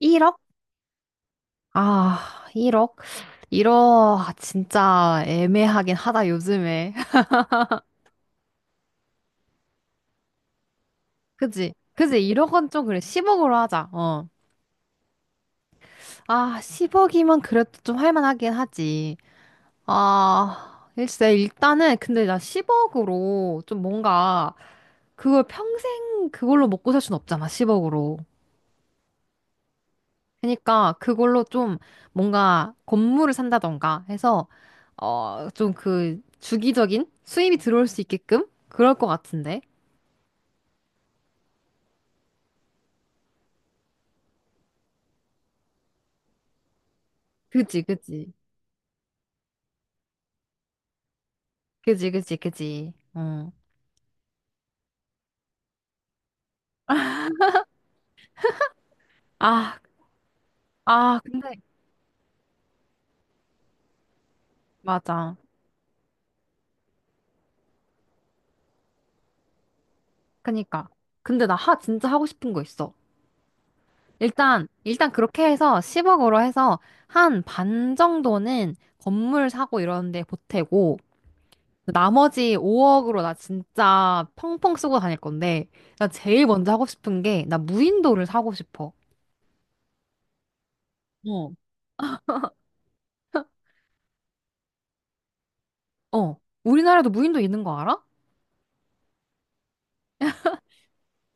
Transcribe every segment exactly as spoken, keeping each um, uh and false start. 일 억? 아, 일 억? 일 억, 진짜 애매하긴 하다, 요즘에. 그지? 그지? 일 억은 좀 그래. 십 억으로 하자, 어. 아, 십 억이면 그래도 좀 할만하긴 하지. 아, 글쎄, 일단은, 근데 나 십 억으로 좀 뭔가, 그걸 평생 그걸로 먹고 살 순 없잖아, 십 억으로. 그러니까, 그걸로 좀 뭔가 건물을 산다던가 해서, 어, 좀 그, 주기적인 수입이 들어올 수 있게끔? 그럴 것 같은데. 그지, 그지. 그지, 그지, 그지. 어. 아, 아, 근데, 맞아. 그니까. 근데 나 하, 진짜 하고 싶은 거 있어. 일단, 일단 그렇게 해서 십 억으로 해서 한 반 정도는 건물 사고 이런 데 보태고, 나머지 오 억으로 나 진짜 펑펑 쓰고 다닐 건데, 나 제일 먼저 하고 싶은 게, 나 무인도를 사고 싶어. 어. 어. 우리나라에도 무인도 있는 거 알아?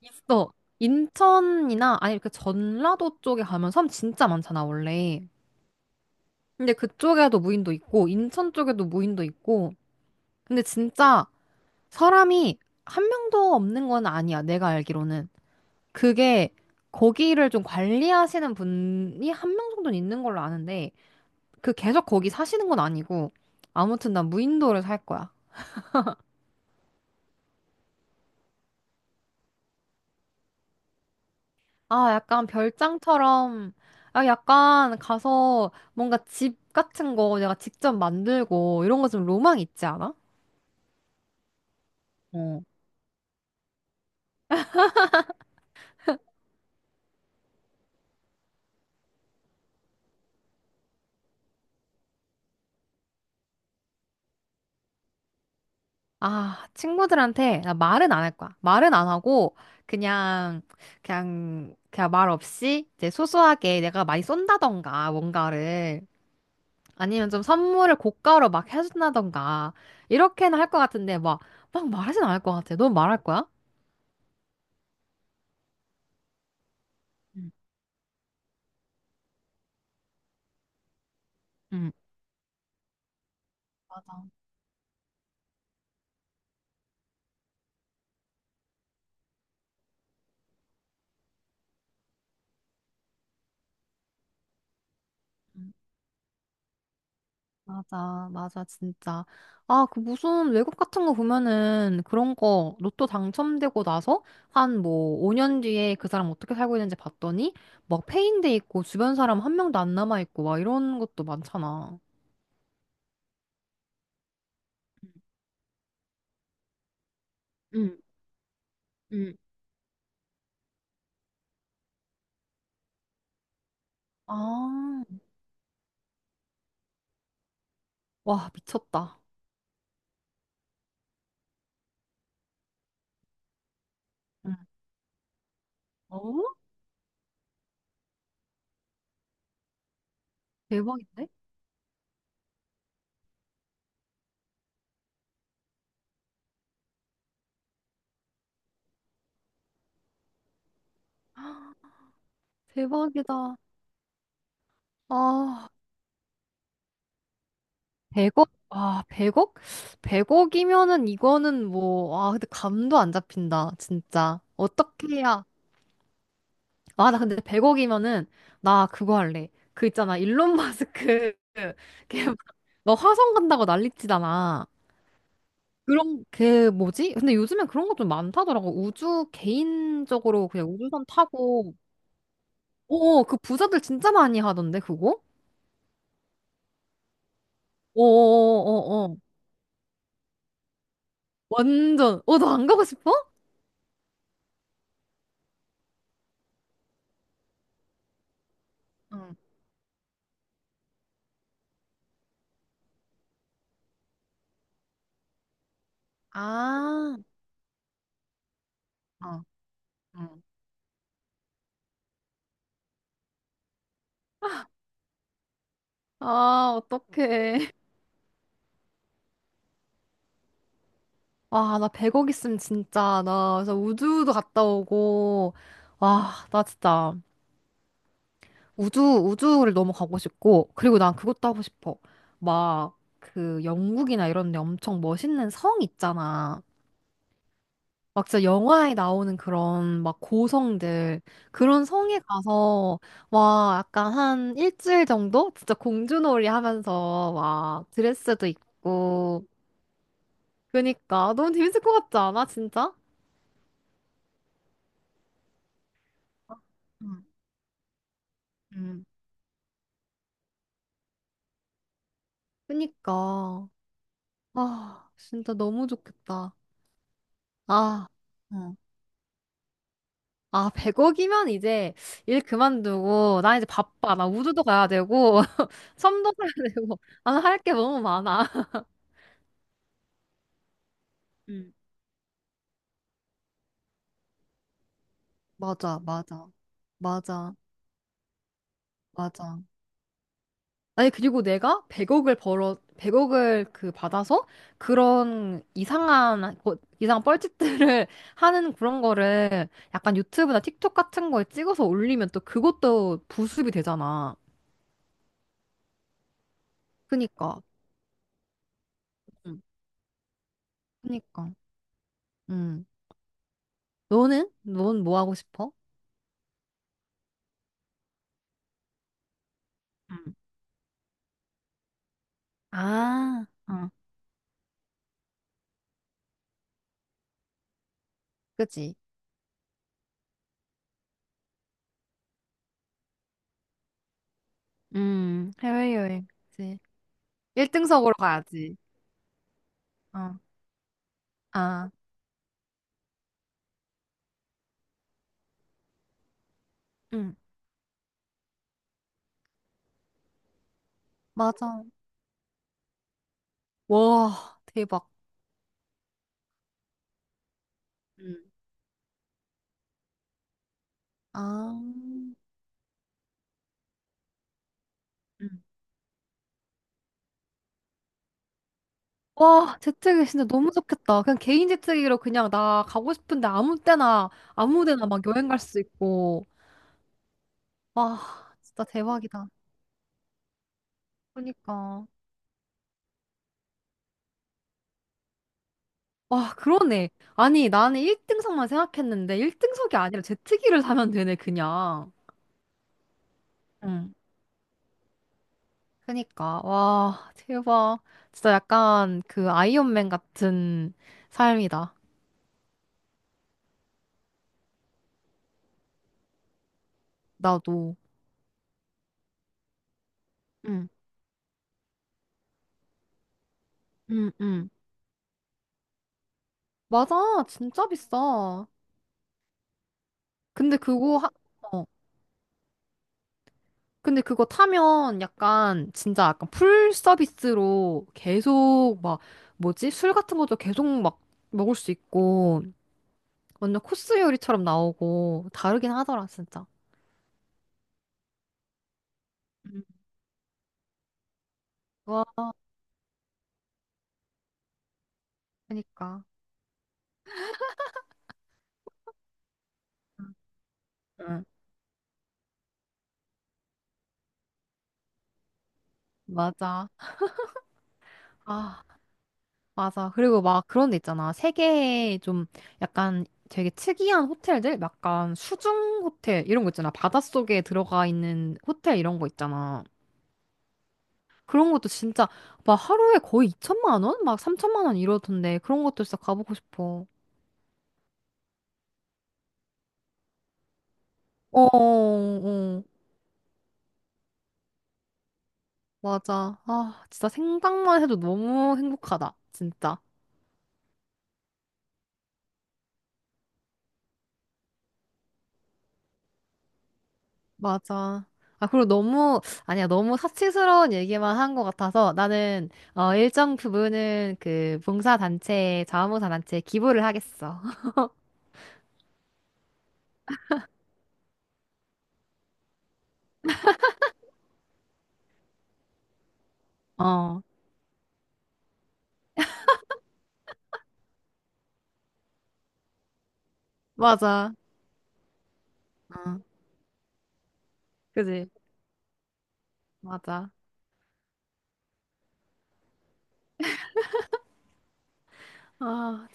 있어. 인천이나 아니 그 전라도 쪽에 가면 섬 진짜 많잖아, 원래. 근데 그쪽에도 무인도 있고 인천 쪽에도 무인도 있고. 근데 진짜 사람이 한 명도 없는 건 아니야, 내가 알기로는. 그게 거기를 좀 관리하시는 분이 한 명 정도는 있는 걸로 아는데 그 계속 거기 사시는 건 아니고 아무튼 난 무인도를 살 거야. 아, 약간 별장처럼, 아, 약간 가서 뭔가 집 같은 거 내가 직접 만들고 이런 거 좀 로망 있지 않아? 어. 아, 친구들한테 나 말은 안 할 거야. 말은 안 하고 그냥 그냥 그냥 말 없이 이제 소소하게 내가 많이 쏜다던가 뭔가를 아니면 좀 선물을 고가로 막 해준다던가 이렇게는 할 것 같은데 막 막 말하진 않을 것 같아. 넌 말할 거야? 응, 응. 맞아. 맞아, 맞아, 진짜. 아, 그 무슨 외국 같은 거 보면은 그런 거 로또 당첨되고 나서 한 뭐 오 년 뒤에 그 사람 어떻게 살고 있는지 봤더니 막 폐인돼 있고 주변 사람 한 명도 안 남아 있고 막 이런 것도 많잖아. 응, 응. 아, 와, 미쳤다. 응. 어? 대박인데? 대박이다. 아, 백억 아, 백 억? 백 억이면은 이거는 뭐, 아, 근데 감도 안 잡힌다, 진짜. 어떻게 해야, 아, 나 근데 백 억이면은 나 그거 할래. 그 있잖아. 일론 마스크 걔너 화성 간다고 난리치잖아. 그런 그 뭐지? 근데 요즘엔 그런 거 좀 많다더라고. 우주 개인적으로 그냥 우주선 타고 오, 그 부자들 진짜 많이 하던데 그거? 어어어어. 완전. 어, 너 안 가고 싶어? 응. 아, 어, 응. 아, 어떡해. 와, 나 백 억 있으면 진짜, 나 그래서 우주도 갔다 오고, 와, 나 진짜 우주, 우주를 너무 가고 싶고, 그리고 난 그것도 하고 싶어. 막, 그 영국이나 이런 데 엄청 멋있는 성 있잖아. 막 진짜 영화에 나오는 그런 막 고성들, 그런 성에 가서, 와, 약간 한 일주일 정도? 진짜 공주놀이 하면서, 와, 드레스도 입고, 그니까, 너무 재밌을 것 같지 않아, 진짜? 음, 음. 그니까. 아, 진짜 너무 좋겠다. 아, 어. 아, 백 억이면 이제 일 그만두고, 나 이제 바빠. 나 우주도 가야 되고, 섬도 가야 되고, 나는 할 게 너무 많아. 음. 맞아, 맞아, 맞아, 맞아. 아니, 그리고 내가 백 억을 벌어, 백억을 그 받아서 그런 이상한, 거- 이상한 뻘짓들을 하는 그런 거를 약간 유튜브나 틱톡 같은 거에 찍어서 올리면 또 그것도 부수입이 되잖아. 그니까, 응. 그니까. 음. 너는? 넌 뭐 하고 싶어? 응. 아, 어. 그치? 음, 해외여행. 그치. 일등석으로 가야지. 어, 아, 응, 맞아. 와, 대박. 응, 아. 응. 와, 재트기 진짜 너무 좋겠다. 그냥 개인 재트기로 그냥 나 가고 싶은데 아무 때나, 아무 데나 막 여행 갈 수 있고. 와, 진짜 대박이다. 그니까. 와, 그러네. 아니, 나는 일 등석만 생각했는데 일 등석이 아니라 제트기를 사면 되네, 그냥. 응. 그니까, 와, 대박. 진짜 약간 그 아이언맨 같은 삶이다. 나도. 응, 응, 응. 맞아, 진짜 비싸. 근데 그거 하, 어, 근데 그거 타면 약간 진짜 약간 풀 서비스로 계속 막 뭐지? 술 같은 것도 계속 막 먹을 수 있고 완전 코스 요리처럼 나오고 다르긴 하더라, 진짜. 음. 와, 그니까. 응, 맞아. 아, 맞아. 그리고 막 그런 데 있잖아. 세계에 좀 약간 되게 특이한 호텔들? 약간 수중 호텔 이런 거 있잖아. 바닷속에 들어가 있는 호텔 이런 거 있잖아. 그런 것도 진짜 막 하루에 거의 이천만 원? 막 삼천만 원 이러던데 그런 것도 진짜 가보고 싶어. 어, 어, 어. 맞아. 아, 진짜 생각만 해도 너무 행복하다. 진짜. 맞아. 아, 그리고 너무, 아니야, 너무 사치스러운 얘기만 한 것 같아서 나는, 어, 일정 부분은 그 봉사단체, 자원봉사단체에 기부를 하겠어. 어, 맞아. 어, 그지? 맞아. 아,